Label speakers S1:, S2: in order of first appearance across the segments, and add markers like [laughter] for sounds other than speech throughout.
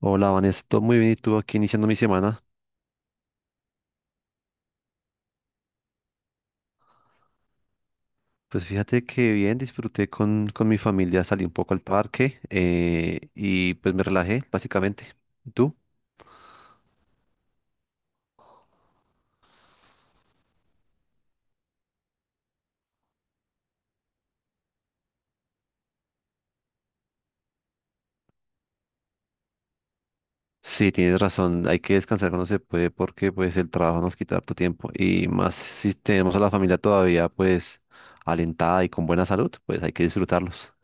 S1: Hola, Vanessa, todo muy bien y tú aquí iniciando mi semana. Pues fíjate que bien, disfruté con mi familia, salí un poco al parque y pues me relajé, básicamente. ¿Y tú? Sí, tienes razón, hay que descansar cuando se puede porque pues el trabajo nos quita harto tiempo y más si tenemos a la familia todavía pues alentada y con buena salud, pues hay que disfrutarlos.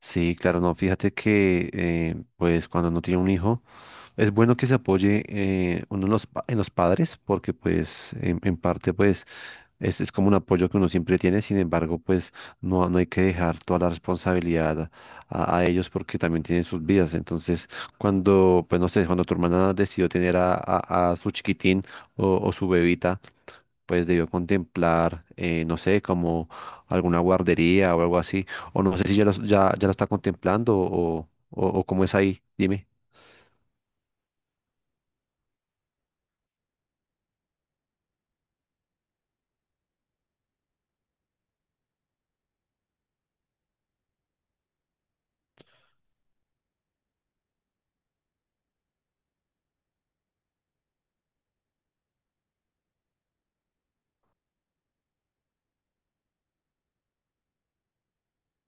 S1: Sí, claro, no, fíjate que pues cuando uno tiene un hijo es bueno que se apoye uno en los, en los padres porque pues en parte pues es como un apoyo que uno siempre tiene. Sin embargo pues no hay que dejar toda la responsabilidad a ellos porque también tienen sus vidas. Entonces cuando pues no sé, cuando tu hermana decidió tener a su chiquitín o su bebita, pues debió contemplar no sé, como alguna guardería o algo así, o no sé si ya lo está contemplando, o cómo es ahí, dime.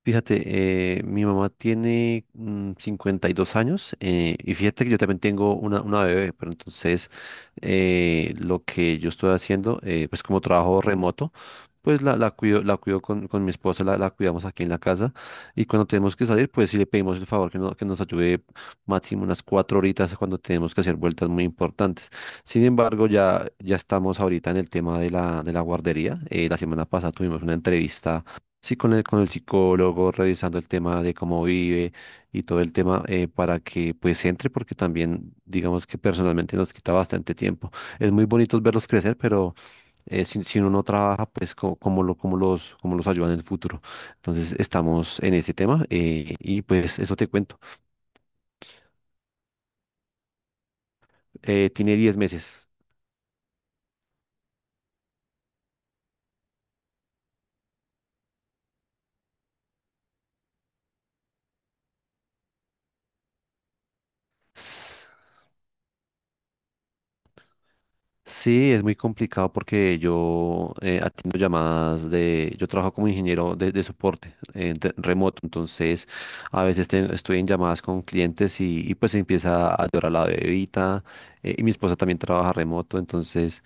S1: Fíjate, mi mamá tiene 52 años, y fíjate que yo también tengo una bebé. Pero entonces lo que yo estoy haciendo, pues como trabajo remoto, pues la cuido con mi esposa, la cuidamos aquí en la casa. Y cuando tenemos que salir, pues sí le pedimos el favor que, que nos ayude máximo unas 4 horitas cuando tenemos que hacer vueltas muy importantes. Sin embargo, ya estamos ahorita en el tema de de la guardería. La semana pasada tuvimos una entrevista sí, con el psicólogo, revisando el tema de cómo vive y todo el tema para que pues entre, porque también digamos que personalmente nos quita bastante tiempo. Es muy bonito verlos crecer, pero si, si uno no trabaja, pues cómo los ayuda en el futuro. Entonces estamos en ese tema, y pues eso te cuento. Tiene 10 meses. Sí, es muy complicado porque yo atiendo llamadas de, yo trabajo como ingeniero de soporte remoto. Entonces a veces estoy en llamadas con clientes y pues empieza a llorar la bebita, y mi esposa también trabaja remoto. Entonces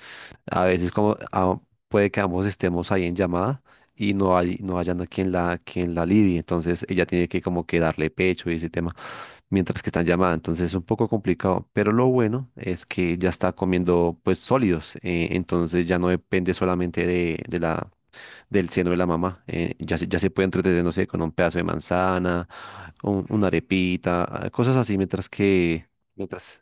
S1: a veces como puede que ambos estemos ahí en llamada y no hay, no hayan a quien la lidie. Entonces ella tiene que como que darle pecho y ese tema mientras que están llamada. Entonces es un poco complicado, pero lo bueno es que ya está comiendo pues sólidos. Entonces ya no depende solamente del seno de la mamá. Ya se puede entretener, no sé, con un pedazo de manzana, una arepita, cosas así, mientras que... Mientras...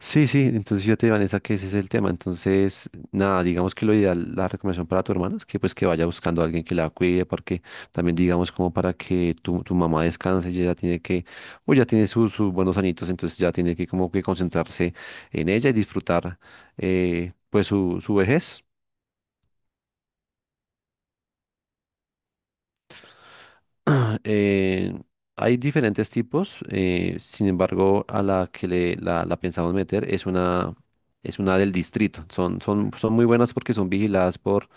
S1: Sí, sí, entonces fíjate, Vanessa, que ese es el tema. Entonces, nada, digamos que lo ideal, la recomendación para tu hermana es que pues que vaya buscando a alguien que la cuide, porque también digamos como para que tu mamá descanse, ella ya tiene que, pues ya tiene sus buenos añitos, entonces ya tiene que como que concentrarse en ella y disfrutar pues su vejez. [clears throat] Eh, hay diferentes tipos, sin embargo, a la que la pensamos meter es es una del distrito. Son muy buenas porque son vigiladas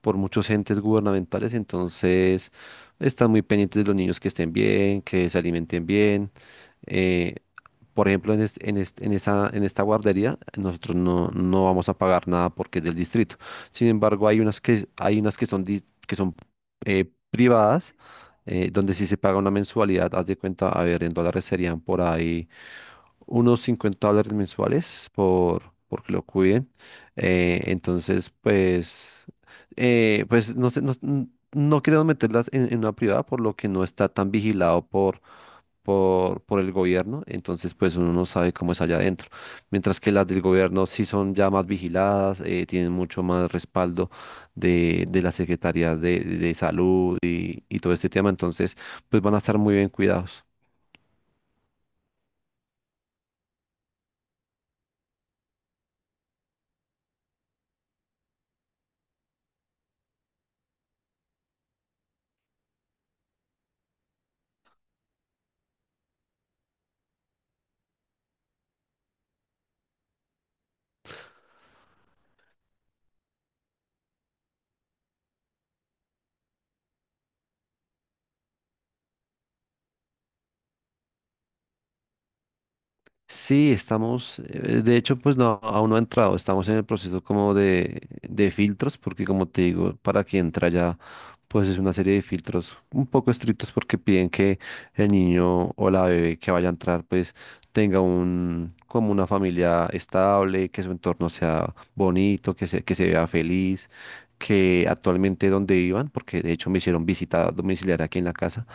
S1: por muchos entes gubernamentales. Entonces están muy pendientes de los niños que estén bien, que se alimenten bien. Eh, por ejemplo, en, es- en, est- en esa, en esta guardería, nosotros no vamos a pagar nada porque es del distrito. Sin embargo, hay unas que son, que son privadas, donde sí se paga una mensualidad. Haz de cuenta, a ver, en dólares serían por ahí unos 50 dólares mensuales por que lo cuiden. Entonces, pues, pues no sé, no, no queremos meterlas en una privada, por lo que no está tan vigilado por el gobierno. Entonces pues uno no sabe cómo es allá adentro. Mientras que las del gobierno sí son ya más vigiladas, tienen mucho más respaldo de las secretarías de salud y todo este tema. Entonces pues van a estar muy bien cuidados. Sí, estamos, de hecho, pues no, aún no ha entrado, estamos en el proceso como de filtros, porque como te digo, para que entra ya, pues es una serie de filtros un poco estrictos porque piden que el niño o la bebé que vaya a entrar, pues tenga un, como una familia estable, que su entorno sea bonito, que se vea feliz, que actualmente donde vivan, porque de hecho me hicieron visita domiciliaria aquí en la casa,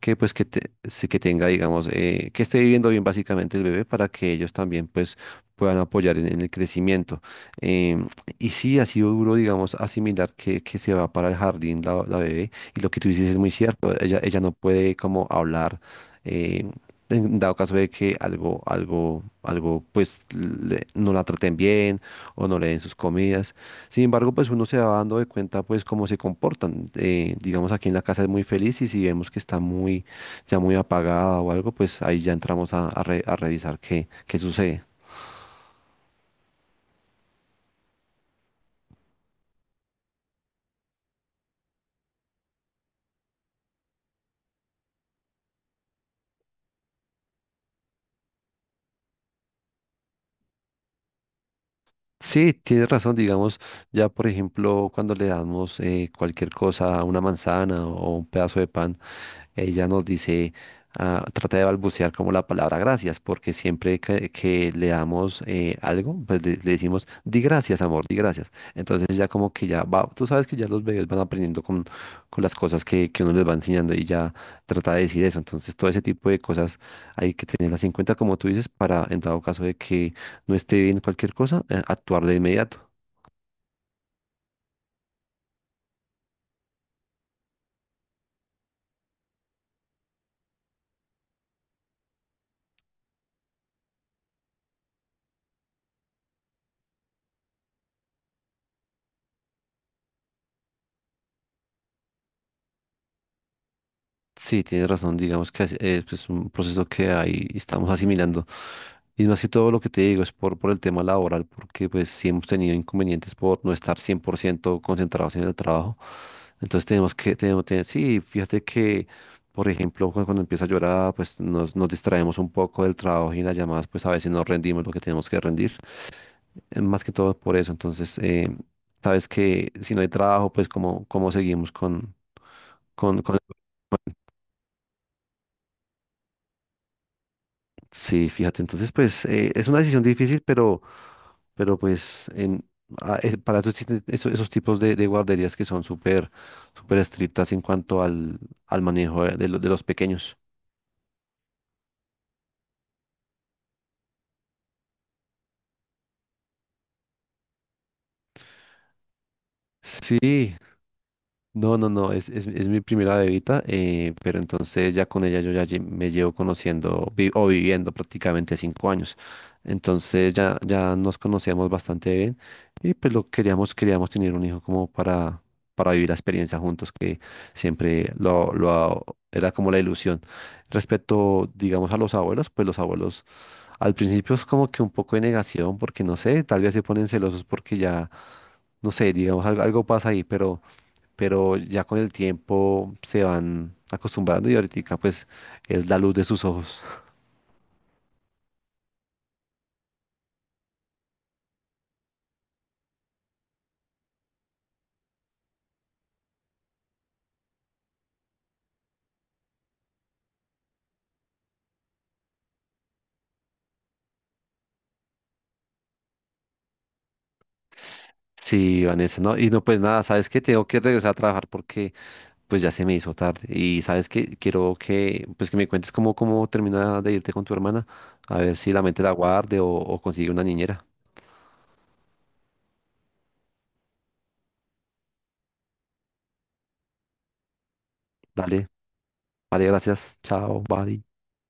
S1: que pues que, sí que tenga, digamos, que esté viviendo bien básicamente el bebé para que ellos también pues puedan apoyar en el crecimiento. Em, y sí, ha sido duro, digamos, asimilar que se va para el jardín la bebé. Y lo que tú dices es muy cierto, ella no puede como hablar. Eh, en dado caso de que algo, pues no la traten bien o no le den sus comidas. Sin embargo, pues uno se va dando de cuenta pues cómo se comportan. Digamos aquí en la casa es muy feliz, y si vemos que está muy, ya muy apagada o algo, pues ahí ya entramos a revisar qué sucede. Sí, tienes razón, digamos, ya por ejemplo, cuando le damos cualquier cosa, una manzana o un pedazo de pan, ella nos dice, ah, trata de balbucear como la palabra gracias, porque siempre que le damos algo, pues le decimos, di gracias, amor, di gracias. Entonces ya como que ya va, tú sabes que ya los bebés van aprendiendo con las cosas que uno les va enseñando, y ya trata de decir eso. Entonces todo ese tipo de cosas hay que tenerlas en cuenta, como tú dices, para en dado caso de que no esté bien cualquier cosa, actuar de inmediato. Sí, tienes razón, digamos que es pues, un proceso que ahí estamos asimilando. Y más que todo lo que te digo es por el tema laboral, porque pues sí hemos tenido inconvenientes por no estar 100% concentrados en el trabajo. Entonces tenemos que, tenemos, te- sí, fíjate que, por ejemplo, cuando empieza a llorar, pues nos distraemos un poco del trabajo, y en las llamadas, pues a veces no rendimos lo que tenemos que rendir. Más que todo por eso. Entonces, sabes que si no hay trabajo, pues cómo, cómo seguimos con... con... Sí, fíjate, entonces pues es una decisión difícil, pero pues para eso existen esos tipos de guarderías que son súper, súper estrictas en cuanto al manejo de, de los pequeños. Sí. No, no, no, es mi primera bebita, pero entonces ya con ella yo ya me llevo conociendo vi- o viviendo prácticamente 5 años. Entonces ya nos conocíamos bastante bien, y pues lo queríamos, queríamos tener un hijo como para vivir la experiencia juntos, que siempre era como la ilusión. Respecto, digamos, a los abuelos, pues los abuelos al principio es como que un poco de negación, porque no sé, tal vez se ponen celosos porque ya, no sé, digamos, algo pasa ahí, pero ya con el tiempo se van acostumbrando, y ahorita pues es la luz de sus ojos. Sí, Vanessa, no, y no, pues nada, sabes que tengo que regresar a trabajar porque pues ya se me hizo tarde, y sabes que quiero que pues que me cuentes cómo, cómo termina de irte con tu hermana, a ver si la mente la guarde, o consigue una niñera. Dale, vale, gracias, chao, bye.